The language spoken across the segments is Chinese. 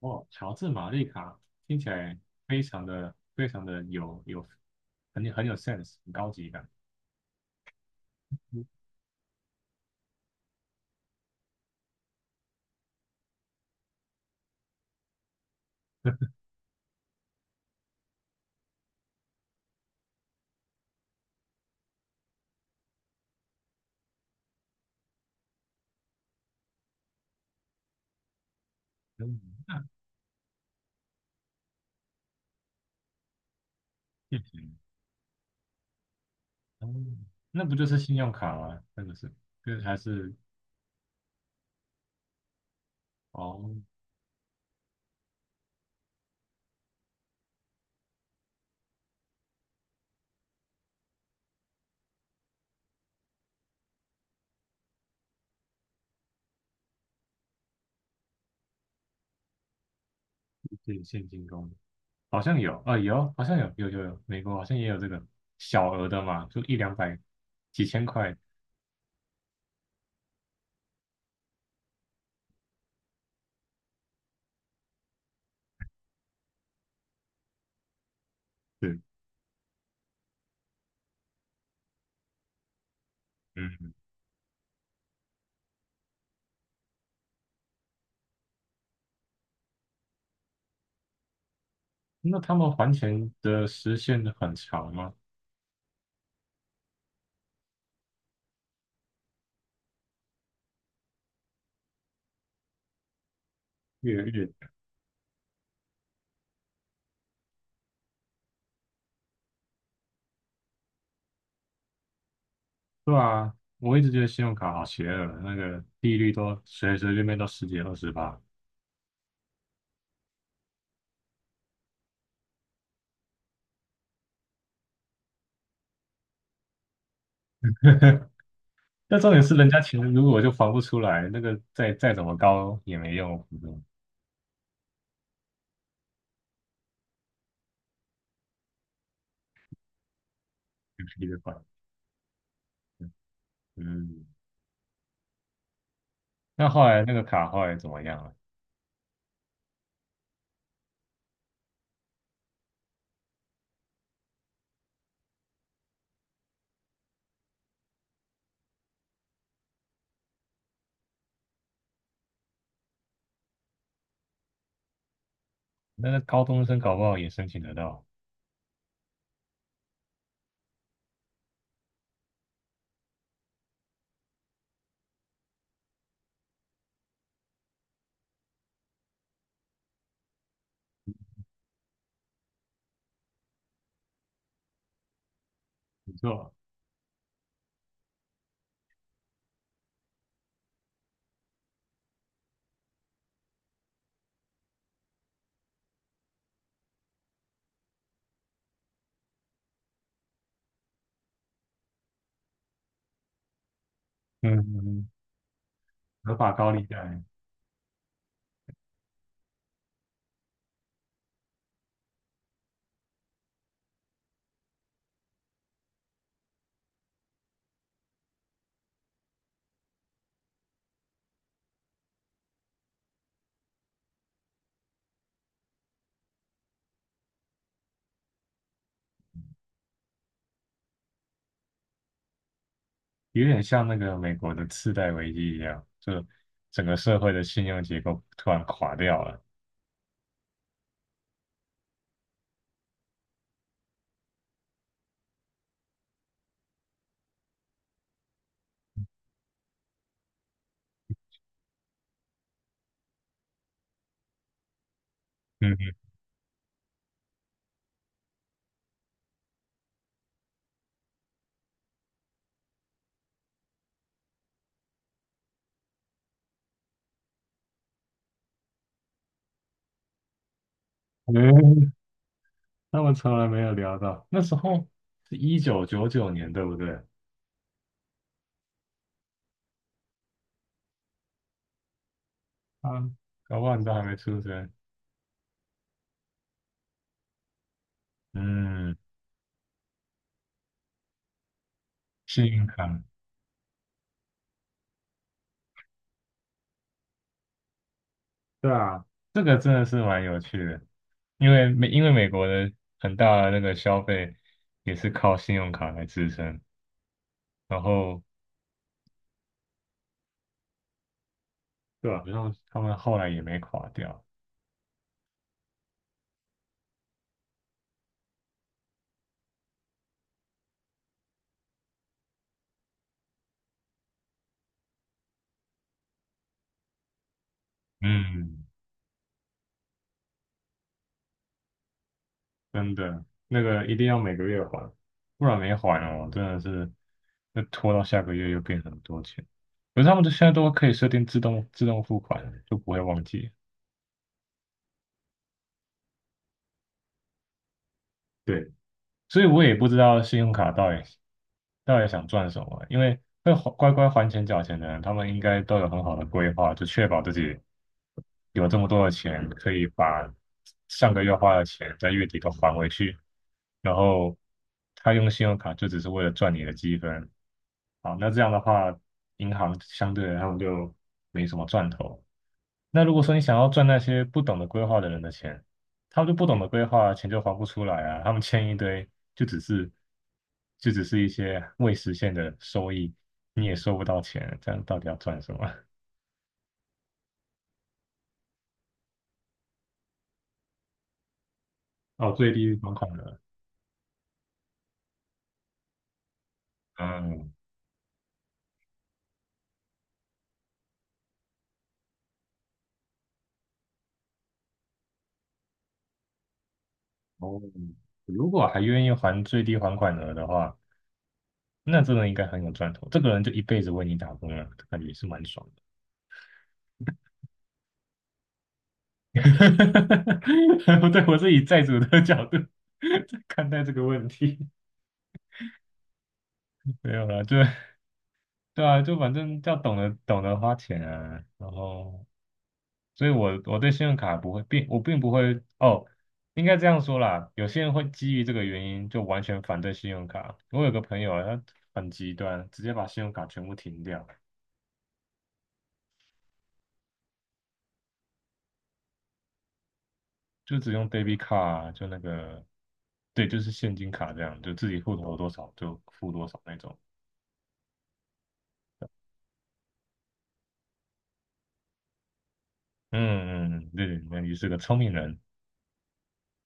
哦，乔治玛丽卡听起来非常的非常的有很有 sense，很高级感。嗯嗯。那谢谢。哦，那不就是信用卡吗？那个是，就是还是哦，自己现金功能好像有啊、有，好像有，有，美国好像也有这个小额的嘛，就一两百、几千块。对，嗯，那他们还钱的时限很长吗？月。对啊，我一直觉得信用卡好邪恶，那个利率都随随便便都十几二十吧。那重点是人家钱如果就还不出来，那个再怎么高也没用，嗯，一直还。嗯，那后来那个卡后来怎么样了？那个高中生搞不好也申请得到，不错，嗯嗯，合法高利贷有点像那个美国的次贷危机一样，就整个社会的信用结构突然垮掉了。嗯。他们从来没有聊到。那时候是1999年，对不对？啊，搞不好你都还没出生。嗯，幸运卡，对啊，这个真的是蛮有趣的，因为美国的很大的那个消费也是靠信用卡来支撑，然后对啊，然后他们后来也没垮掉。嗯，真的，那个一定要每个月还，不然没还哦，真的是，那拖到下个月又变很多钱。可是他们都现在都可以设定自动付款，就不会忘记。对，所以我也不知道信用卡到底想赚什么，因为会还乖乖还钱缴钱的人，他们应该都有很好的规划，就确保自己有这么多的钱，可以把上个月花的钱在月底都还回去。然后他用信用卡就只是为了赚你的积分，好，那这样的话，银行相对来他们就没什么赚头。那如果说你想要赚那些不懂得规划的人的钱，他们就不懂得规划，钱就还不出来啊。他们欠一堆，就只是就只是一些未实现的收益，你也收不到钱，这样到底要赚什么？哦，最低还款额，嗯，哦，如果还愿意还最低还款额的话，那真的应该很有赚头。这个人就一辈子为你打工了，感觉也是蛮爽的。不对，我是以债主的角度 看待这个问题，没有啦，就对啊，就反正要懂得花钱啊，然后，所以我对信用卡不会并我并不会哦，应该这样说啦，有些人会基于这个原因就完全反对信用卡。我有个朋友啊，他很极端，直接把信用卡全部停掉，就只用 debit card，啊就那个，对，就是现金卡这样，就自己户头有多少就付多少那种。嗯嗯，对对，那你是个聪明人。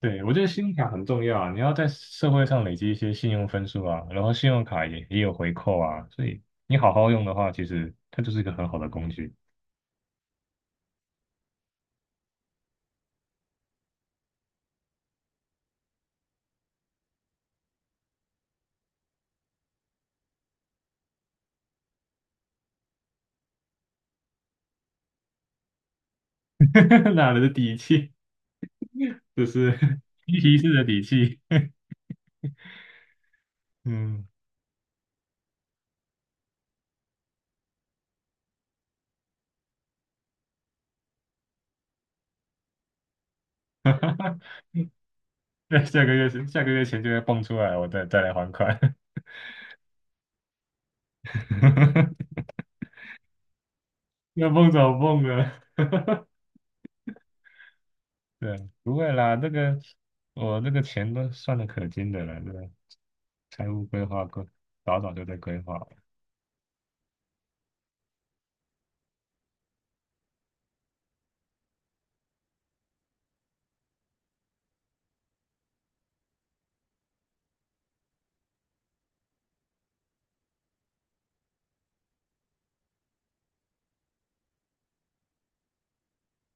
对，我觉得信用卡很重要啊，你要在社会上累积一些信用分数啊，然后信用卡也有回扣啊，所以你好好用的话，其实它就是一个很好的工具。哪来的底气？这是 一式的底气。嗯，那下个月钱就会蹦出来，我再来还款。要蹦早蹦了。对，不会啦，这个我这个钱都算的可精的了，对吧？财务规划,早早就在规划了，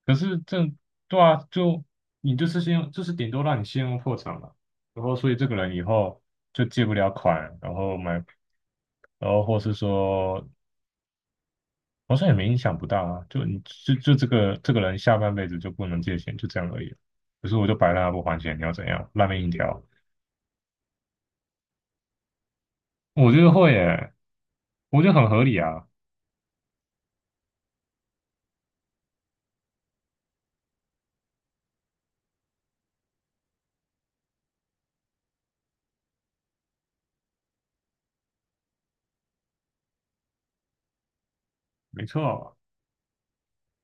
可是这对啊，就你就是先用，就是顶多让你先用破产嘛，然后所以这个人以后就借不了款，然后买，然后或是说好像也没影响不大啊，就你就这个人下半辈子就不能借钱，就这样而已。可是我就摆烂不还钱，你要怎样？烂命一条，我觉得会耶，我觉得很合理啊，没错，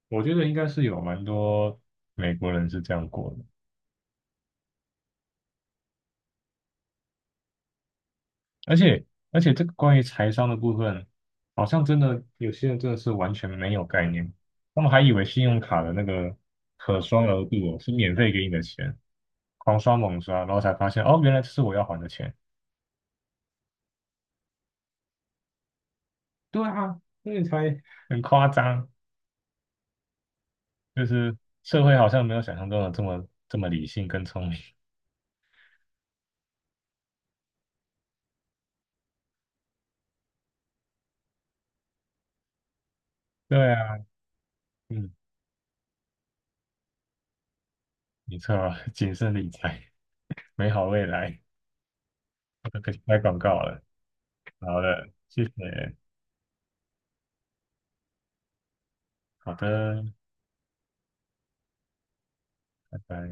我觉得应该是有蛮多美国人是这样过的。而且而且这个关于财商的部分，好像真的有些人真的是完全没有概念，他们还以为信用卡的那个可刷额度哦是免费给你的钱，狂刷猛刷，然后才发现哦，原来这是我要还的钱。对啊，所以才很夸张，就是社会好像没有想象中的这么理性跟聪明。对啊，嗯，没错，谨慎理财，美好未来，我都可以拍广告了。好的，谢谢，好的，拜拜。